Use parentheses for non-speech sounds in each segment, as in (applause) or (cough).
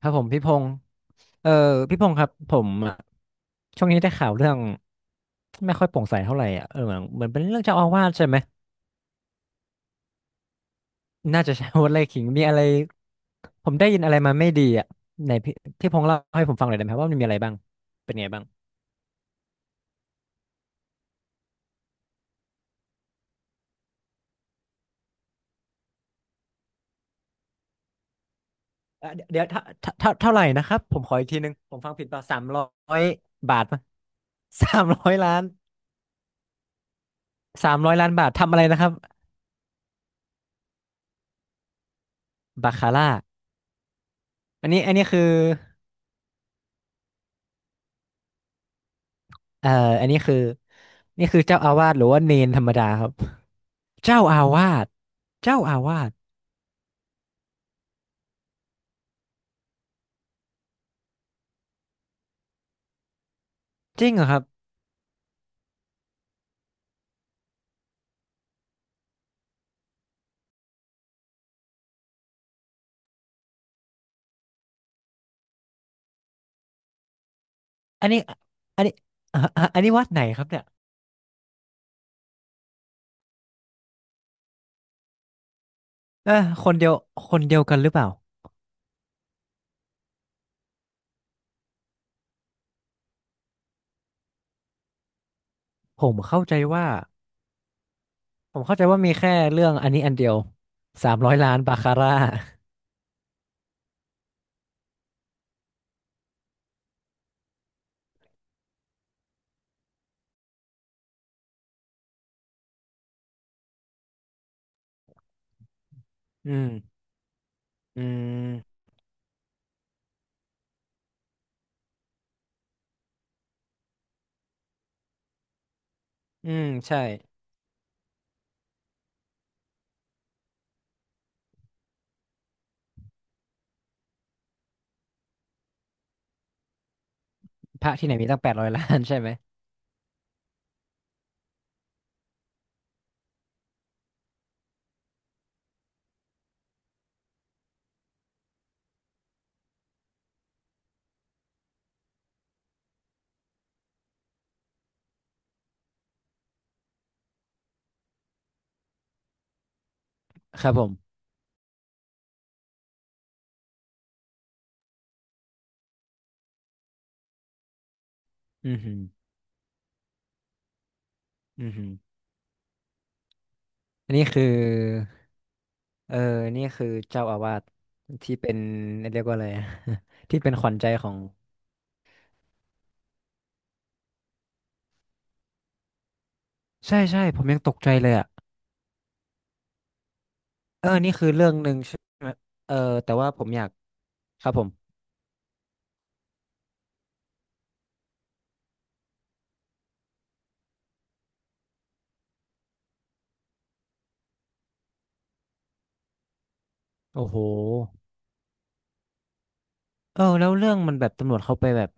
ครับผมพี่พงศ์เออพี่พงศ์ครับผมอะช่วงนี้ได้ข่าวเรื่องไม่ค่อยโปร่งใสเท่าไหร่อ่ะเหมือนเป็นเรื่องเจ้าอาวาสใช่ไหมน่าจะใช่ (laughs) วัดไร่ขิงมีอะไรผมได้ยินอะไรมาไม่ดีอ่ะไหนพี่พงศ์เล่าให้ผมฟังหน่อยได้ไหมครับว่ามันมีอะไรบ้างเป็นไงบ้างเดี๋ยวเท่าไหร่นะครับผมขออีกทีนึงผมฟังผิดเปล่าสามร้อยบาทป่ะ (laughs) 300 ล้าน300 ล้านบาททำอะไรนะครับบาคาร่าอันนี้อันนี้คือ เอ่ออันนี้คือนี่คือเจ้าอาวาสหรือว่าเนนธรรมดาครับเจ้าอาวาสเจ้าอาวาสจริงเหรอครับอันนี้อันนี้อ่ะอ่ะอันนี้วัดไหนครับเนี่ยเออคนเดียวคนเดียวกันหรือเปล่าผมเข้าใจว่าผมเข้าใจว่ามีแค่เรื่องอันนี้อันเดียวสามร้อยล้านบาคาร่าอืมอืมใช่พระที่ไหนมีตั้งแปดร้อยล้านใช่ไหมครับผมอืมอหืมออือหืออันนี้คือ เออนี่คือเจ้าอาวาสที่เป็น (laughs) เรียกว่าอะไรอะ (laughs) ที่เป็นขวัญใจของใช่ใช่ผมยังตกใจเลยอ่ะนี่คือเรื่องหนึ่งใช่ไหมเออแต่ว่าผมอยากครับผมโอ้โหแล้วเรื่องมันแบบตำรวจเขาไปแบบ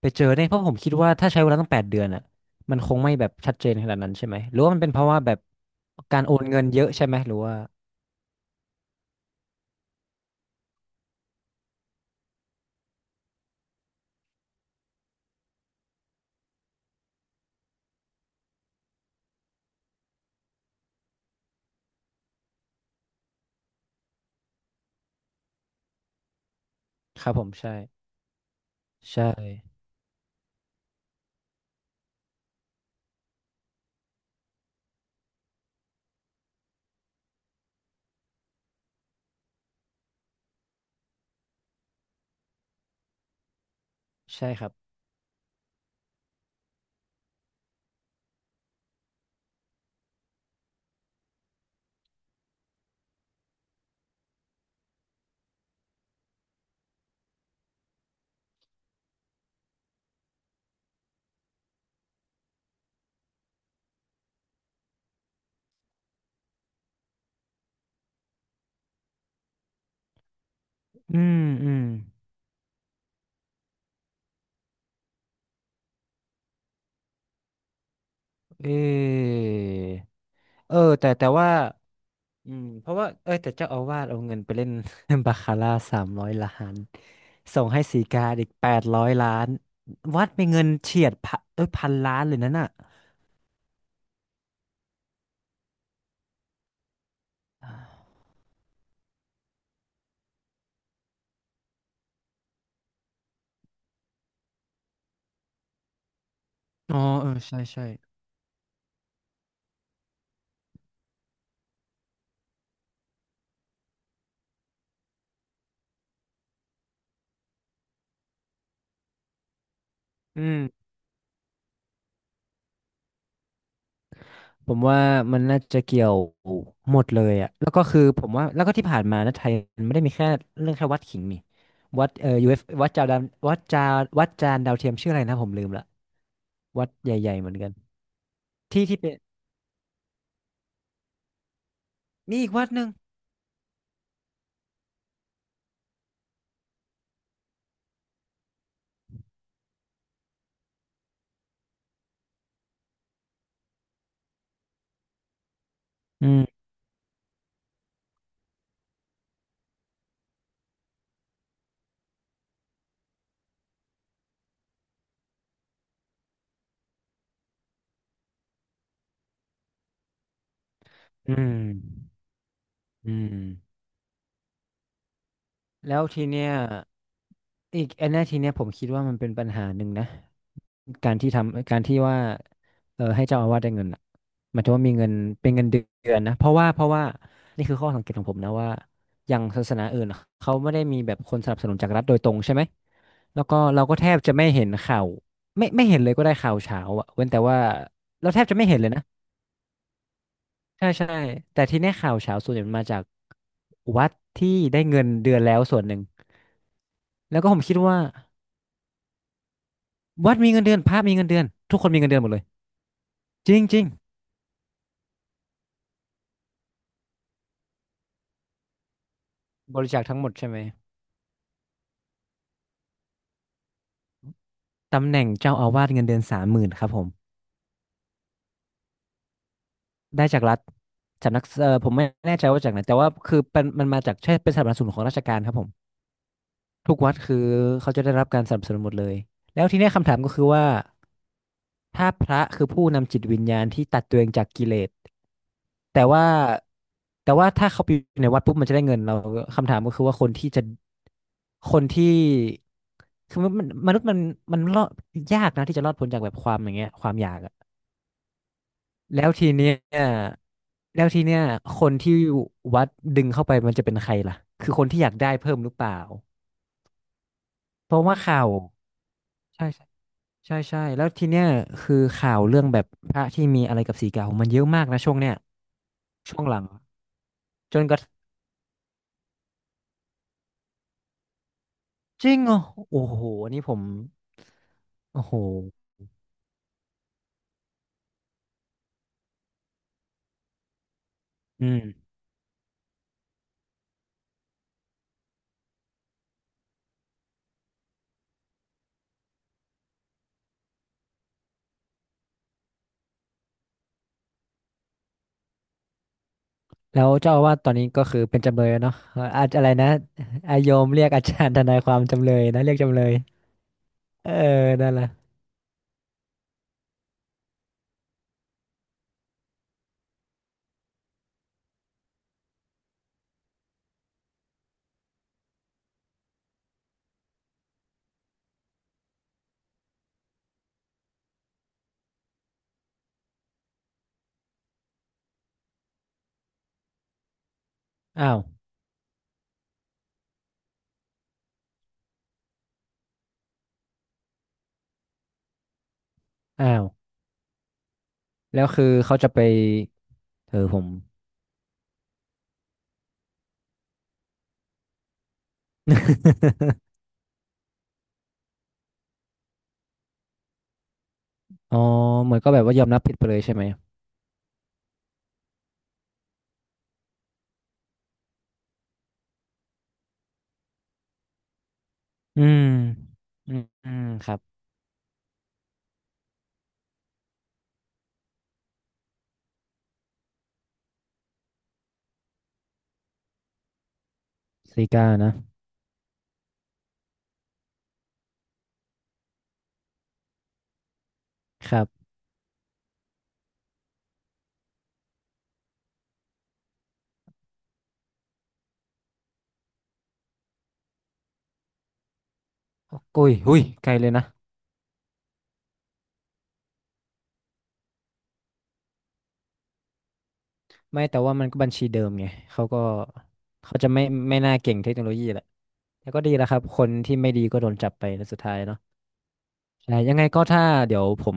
ไปเจอได้เพราะผมคิดว่าถ้าใช้เวลาตั้ง8 เดือนอ่ะมันคงไม่แบบชัดเจนขนาดนั้นใช่ไหมหรือว่ามันเป็นเพราะว่าแบบการโอนเงินเยอะใช่ไหมหรือว่าครับผมใช่ใช่ใช่ครับอืมอืมเออแต่ว่า เพราะว่าแต่เจ้าอาวาสเอาเงินไปเล่น (laughs) บาคาร่า300 ล้านส่งให้สีกาอีกแปดร้อยล้านวัดเป็นเงินเฉียดพันเอ้ย1,000 ล้านเลยนั่นน่ะอ๋อใช่ใช่อืมผมว่ามันน่าจะเกี่ยวหมดเลยอ่ะแล้วก็คือผมว่าแล้วก็ที่ผ่านมานะไทยมันไม่ได้มีแค่เรื่องแค่วัดขิงนี่วัดu วัดจานดาววัดจาวัดจานดาวเทียมชื่ออะไรนะผมลืมละวัดใหญ่ๆเหมือนกันที่เป็นมีอีกวัดหนึ่งอืมอืมอืม แล้วทีเนี้ยอีกอันเนี้ยทีเนี้ยผมคิดว่ามันเป็นปัญหาหนึ่งนะการที่ทำการที่ว่าให้เจ้าอาวาสได้เงินอ่ะหมายถึงว่ามีเงินเป็นเงินเดือนนะเพราะว่านี่คือข้อสังเกตของผมนะว่าอย่างศาสนาอื่นอะเขาไม่ได้มีแบบคนสนับสนุนจากรัฐโดยตรงใช่ไหมแล้วก็เราก็แทบจะไม่เห็นข่าวไม่เห็นเลยก็ได้ข่าวเช้าอ่ะเว้นแต่ว่าเราแทบจะไม่เห็นเลยนะ ใช่ใช่แต่ที่เนี่ยข่าวเฉาส่วนใหญ่มันมาจากวัดที่ได้เงินเดือนแล้วส่วนหนึ่งแล้วก็ผมคิดว่าวัดมีเงินเดือนพระมีเงินเดือนทุกคนมีเงินเดือนหมดเลยจริงจริงบริจาคทั้งหมดใช่ไหมตำแหน่งเจ้าอาวาสเงินเดือน30,000ครับผมได้จากรัฐสำนักผมไม่แน่ใจว่าจากไหนแต่ว่าคือเป็นมันมาจากใช่เป็นสนับสนุนของราชการครับผมทุกวัดคือเขาจะได้รับการสนับสนุนหมดเลยแล้วทีเนี้ยคำถามก็คือว่าถ้าพระคือผู้นำจิตวิญญาณที่ตัดตัวเองจากกิเลส แต่ว่าแต่ว่าถ้าเขาไปอยู่ในวัดปุ๊บมันจะได้เงินเราคำถามก็คือว่าคนที่จะคนที่คือมันมนุษย์มันรอดยากนะที่จะรอดพ้นจากแบบความอย่างเงี้ยความอยากอะแล้วทีเนี้ยแล้วทีเนี้ยคนที่วัดดึงเข้าไปมันจะเป็นใครล่ะคือคนที่อยากได้เพิ่มหรือเปล่าเพราะว่าข่าวใช่ใช่ใช่ใช่แล้วทีเนี้ยคือข่าวเรื่องแบบพระที่มีอะไรกับสีกามันเยอะมากนะช่วงเนี้ยช่วงหลังจนกระ จริงเหรอโอ้โหอันนี้ผมโอ้โหอืมแล้วเจ้าอาวาสตอนนี้ก็คือเป็นจำเลยแล้วเนาะเอ่ออาจอะไรนะอาโยมเรียกอาจารย์ทนายความจำเลยนะเรียกจำเลยเออนั่นแหละอ้าวอ้าวแล้วคือเขาจะไปผม (laughs) อ๋อเหมือนก็แบบว่ายอมรับผิดไปเลยใช่ไหมอืมอืมอืมครับซีกานะครับโอ้ยหุ้ยไกลเลยนะ ไม่แต่ว่ามันก็บัญชีเดิมไงเขาก็เขาจะไม่ไม่น่าเก่งเทคโนโลยีแหละแต่ก็ดีแล้วครับคนที่ไม่ดีก็โดนจับไปแล้วสุดท้ายเนาะใช่ยังไงก็ถ้าเดี๋ยวผม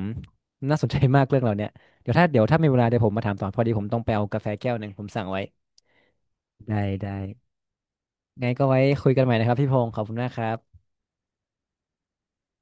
น่าสนใจมากเรื่องเหล่าเนี้ยเดี๋ยวถ้ามีเวลาเดี๋ยวผมมาถามต่อพอดีผมต้องไปเอากาแฟแก้วหนึ่งผมสั่งไว้ได้ได้ไงก็ไว้คุยกันใหม่นะครับพี่พงศ์ขอบคุณมากครับ